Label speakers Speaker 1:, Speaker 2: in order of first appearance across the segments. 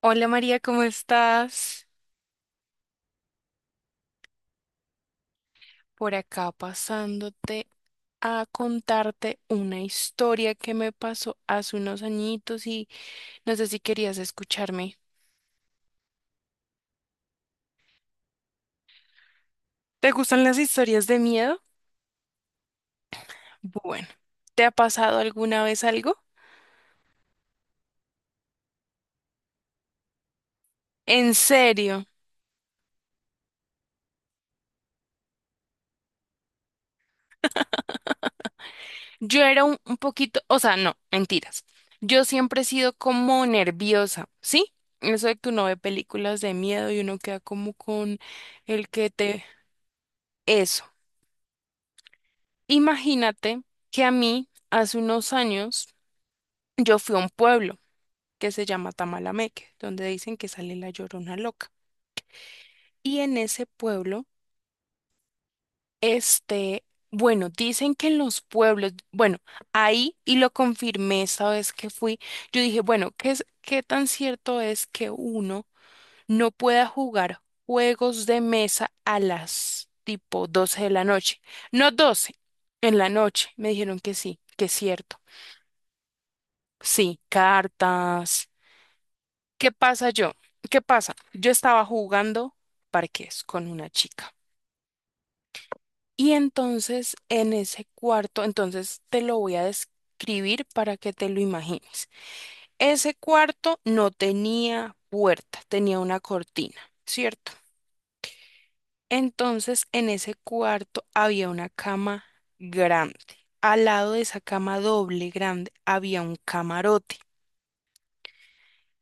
Speaker 1: Hola María, ¿cómo estás? Por acá pasándote a contarte una historia que me pasó hace unos añitos y no sé si querías escucharme. ¿Te gustan las historias de miedo? Bueno, ¿te ha pasado alguna vez algo? En serio, yo era un poquito, o sea, no, mentiras. Yo siempre he sido como nerviosa, ¿sí? Eso de que uno ve películas de miedo y uno queda como con el que te... Eso. Imagínate que a mí, hace unos años, yo fui a un pueblo que se llama Tamalameque, donde dicen que sale la Llorona Loca. Y en ese pueblo, este, bueno, dicen que en los pueblos, bueno, ahí, y lo confirmé esa vez que fui, yo dije, bueno, ¿qué tan cierto es que uno no pueda jugar juegos de mesa a las tipo 12 de la noche? No 12 en la noche, me dijeron que sí, que es cierto. Sí, cartas. ¿Qué pasa yo? ¿Qué pasa? Yo estaba jugando parqués con una chica. Y entonces en ese cuarto, entonces te lo voy a describir para que te lo imagines. Ese cuarto no tenía puerta, tenía una cortina, ¿cierto? Entonces en ese cuarto había una cama grande. Al lado de esa cama doble grande había un camarote.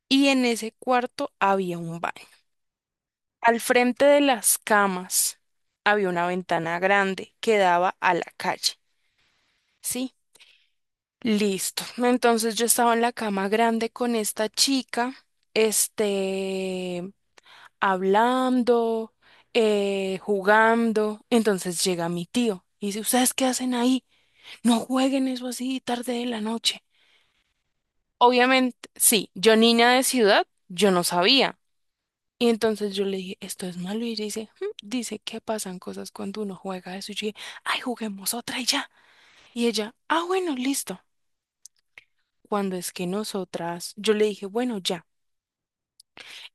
Speaker 1: Y en ese cuarto había un baño. Al frente de las camas había una ventana grande que daba a la calle, ¿sí? Listo. Entonces yo estaba en la cama grande con esta chica, este, hablando, jugando. Entonces llega mi tío y dice, ¿ustedes qué hacen ahí? No jueguen eso así tarde de la noche. Obviamente, sí, yo niña de ciudad, yo no sabía. Y entonces yo le dije, esto es malo. Y ella dice, "Mm, dice que pasan cosas cuando uno juega eso". Y yo dije, ay, juguemos otra y ya. Y ella, ah, bueno, listo. Cuando es que nosotras, yo le dije, bueno, ya.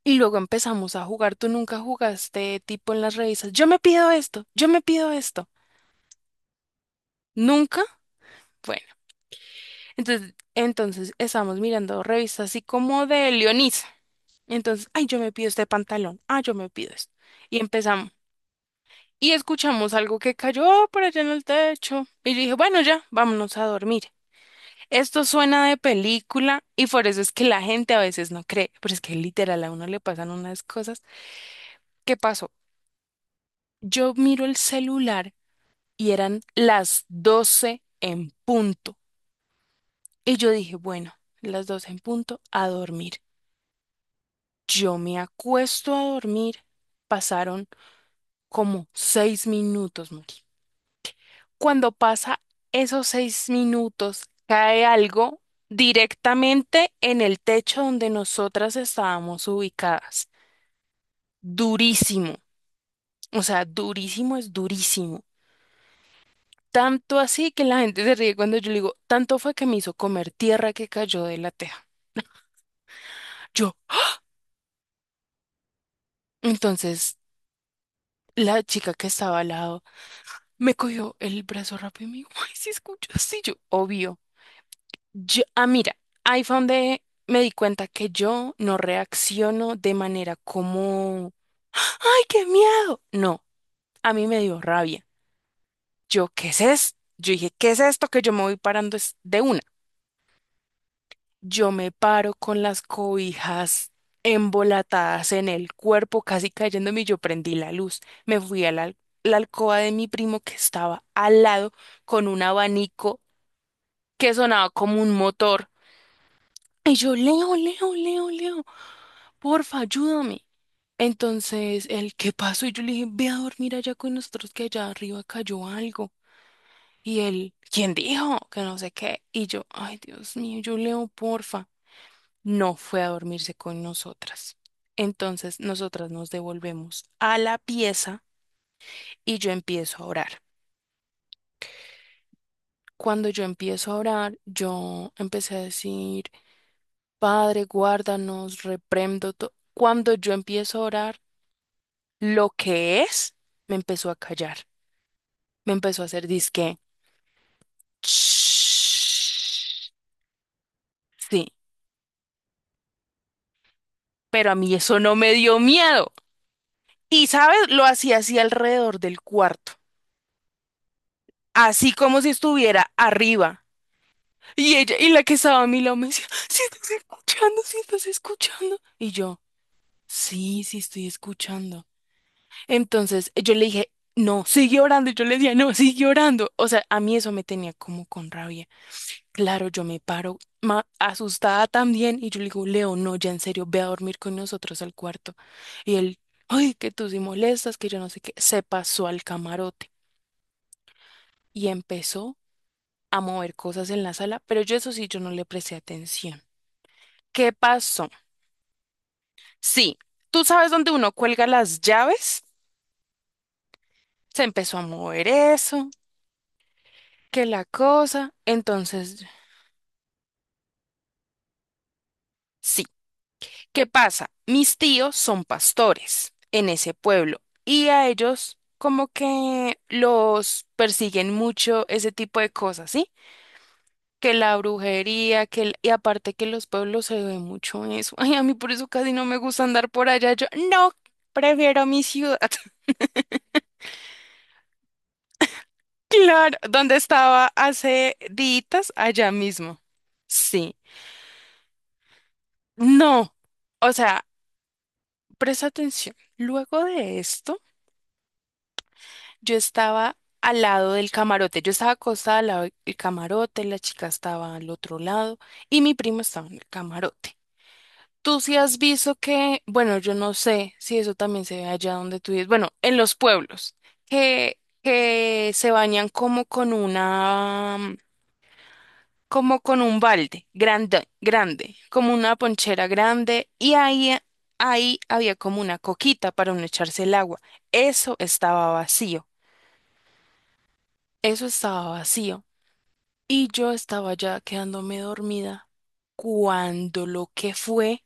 Speaker 1: Y luego empezamos a jugar. Tú nunca jugaste tipo en las revistas. Yo me pido esto, yo me pido esto. ¿Nunca? Bueno, entonces estamos mirando revistas así como de Leonisa. Entonces, ay, yo me pido este pantalón. Ah, yo me pido esto. Y empezamos y escuchamos algo que cayó por allá en el techo. Y yo dije, bueno, ya, vámonos a dormir. Esto suena de película y por eso es que la gente a veces no cree, pero es que literal a uno le pasan unas cosas. ¿Qué pasó? Yo miro el celular y eran las 12 en punto. Y yo dije, bueno, las 12 en punto a dormir. Yo me acuesto a dormir. Pasaron como 6 minutos, Mari, cuando pasa esos 6 minutos, cae algo directamente en el techo donde nosotras estábamos ubicadas. Durísimo. O sea, durísimo es durísimo. Tanto así que la gente se ríe cuando yo le digo, tanto fue que me hizo comer tierra que cayó de la teja. Yo. Entonces, la chica que estaba al lado me cogió el brazo rápido y me dijo, ay, si escuchas, sí, yo, obvio. Yo, ah, mira, ahí fue donde me di cuenta que yo no reacciono de manera como, ¡ay, qué miedo! No, a mí me dio rabia. Yo, ¿qué es esto? Yo dije, ¿qué es esto que yo me voy parando es de una? Yo me paro con las cobijas embolatadas en el cuerpo, casi cayéndome, y yo prendí la luz. Me fui a la alcoba de mi primo que estaba al lado con un abanico que sonaba como un motor. Y yo, Leo, Leo, Leo, Leo, porfa, ayúdame. Entonces, él, ¿qué pasó? Y yo le dije, ve a dormir allá con nosotros que allá arriba cayó algo. Y él, ¿quién dijo? Que no sé qué. Y yo, ay, Dios mío, yo leo, porfa. No fue a dormirse con nosotras. Entonces, nosotras nos devolvemos a la pieza y yo empiezo a orar. Cuando yo empiezo a orar, yo empecé a decir, Padre, guárdanos, reprendo todo. Cuando yo empiezo a orar, lo que es, me empezó a callar, me empezó a hacer disque "Shh". Sí, pero a mí eso no me dio miedo. Y, ¿sabes? Lo hacía así alrededor del cuarto, así como si estuviera arriba. Y ella, y la que estaba a mi lado me decía, si estás escuchando, si estás escuchando. Y yo, sí, sí estoy escuchando. Entonces yo le dije, no, sigue orando. Y yo le decía, no, sigue orando. O sea, a mí eso me tenía como con rabia. Claro, yo me paro asustada también y yo le digo, Leo, no, ya en serio, ve a dormir con nosotros al cuarto. Y él, ay, que tú sí molestas, que yo no sé qué, se pasó al camarote y empezó a mover cosas en la sala, pero yo eso sí, yo no le presté atención. ¿Qué pasó? Sí, tú sabes dónde uno cuelga las llaves, se empezó a mover eso, que la cosa, entonces, sí. ¿Qué pasa? Mis tíos son pastores en ese pueblo y a ellos como que los persiguen mucho ese tipo de cosas, ¿sí? Que la brujería, que el- y aparte que en los pueblos se ve mucho eso. Ay, a mí por eso casi no me gusta andar por allá. Yo no, prefiero mi ciudad. Claro, donde estaba hace días, allá mismo. Sí. No. O sea, presta atención. Luego de esto yo estaba al lado del camarote, yo estaba acostada al lado del camarote, la chica estaba al otro lado y mi primo estaba en el camarote. Tú sí has visto que, bueno, yo no sé si eso también se ve allá donde tú vives, bueno, en los pueblos, que se bañan como con una, como con un balde grande, grande, como una ponchera grande y ahí, ahí había como una coquita para uno echarse el agua. Eso estaba vacío, eso estaba vacío. Y yo estaba ya quedándome dormida cuando lo que fue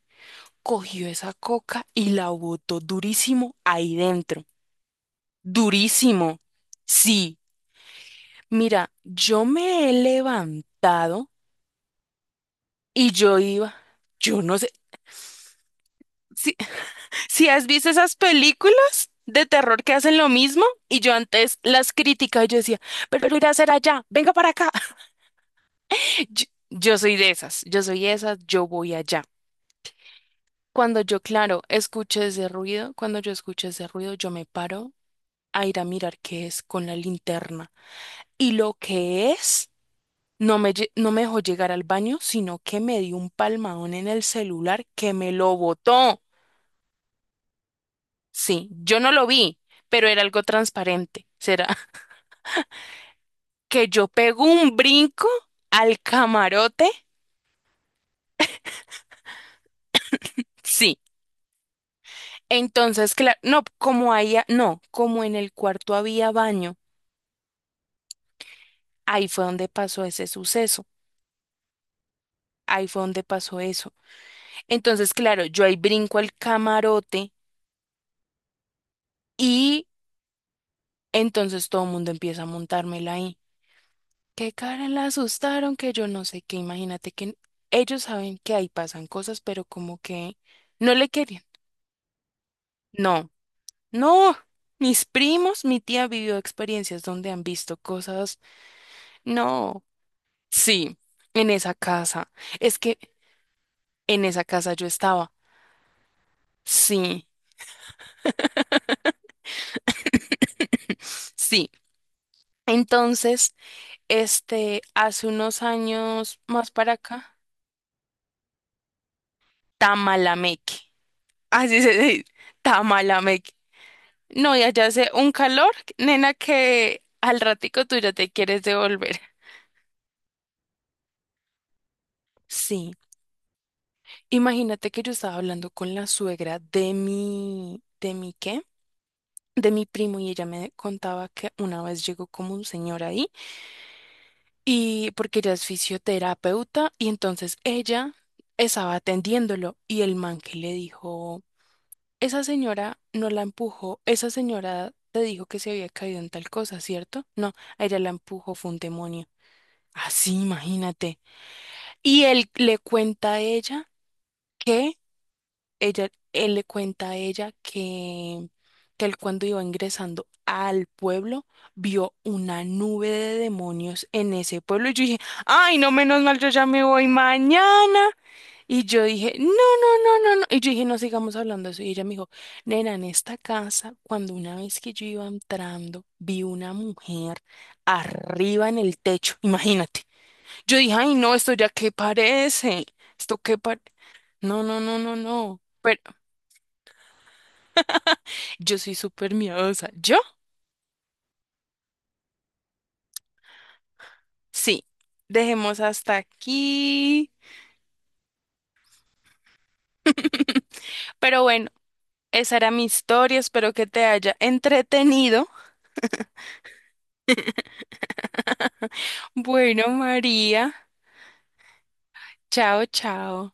Speaker 1: cogió esa coca y la botó durísimo ahí dentro. Durísimo. Sí, mira, yo me he levantado y yo iba, yo no sé, si, si has visto esas películas de terror que hacen lo mismo y yo antes las criticaba y yo decía, pero irá a hacer allá, venga para acá. Yo soy de esas, yo soy de esas, yo voy allá. Cuando yo, claro, escuché ese ruido, cuando yo escuché ese ruido, yo me paro a ir a mirar qué es con la linterna. Y lo que es, no me, lle- no me dejó llegar al baño, sino que me dio un palmadón en el celular que me lo botó. Sí, yo no lo vi, pero era algo transparente. ¿Será que yo pego un brinco al camarote? Sí. Entonces, claro, no, como ahí, no, como en el cuarto había baño, ahí fue donde pasó ese suceso. Ahí fue donde pasó eso. Entonces, claro, yo ahí brinco al camarote y entonces todo el mundo empieza a montármela ahí. Qué cara la asustaron, que yo no sé qué. Imagínate que ellos saben que ahí pasan cosas, pero como que no le querían. No, no. Mis primos, mi tía vivió experiencias donde han visto cosas. No, sí, en esa casa. Es que en esa casa yo estaba. Sí, sí. Entonces, hace unos años más para acá, Tamalameque. Así se dice, Tamalameque. No, y allá hace un calor, nena, que al ratico tú ya te quieres devolver. Sí, imagínate que yo estaba hablando con la suegra ¿de mi qué? De mi primo y ella me contaba que una vez llegó como un señor ahí y porque ella es fisioterapeuta y entonces ella estaba atendiéndolo y el man que le dijo... Esa señora no la empujó, esa señora te dijo que se había caído en tal cosa, ¿cierto? No, a ella la empujó, fue un demonio. Así, imagínate. Y él le cuenta a ella que ella, él le cuenta a ella que él cuando iba ingresando al pueblo vio una nube de demonios en ese pueblo. Y yo dije, ay, no, menos mal, yo ya me voy mañana. Y yo dije, no, no, no, no, no. Y yo dije, no sigamos hablando de eso. Y ella me dijo, nena, en esta casa, cuando una vez que yo iba entrando, vi una mujer arriba en el techo. Imagínate. Yo dije, ay, no, esto ya qué parece. Esto qué parece. No, no, no, no, no. Yo soy súper miedosa. ¿Yo? Sí. Dejemos hasta aquí. Pero bueno, esa era mi historia. Espero que te haya entretenido. Bueno, María, chao, chao.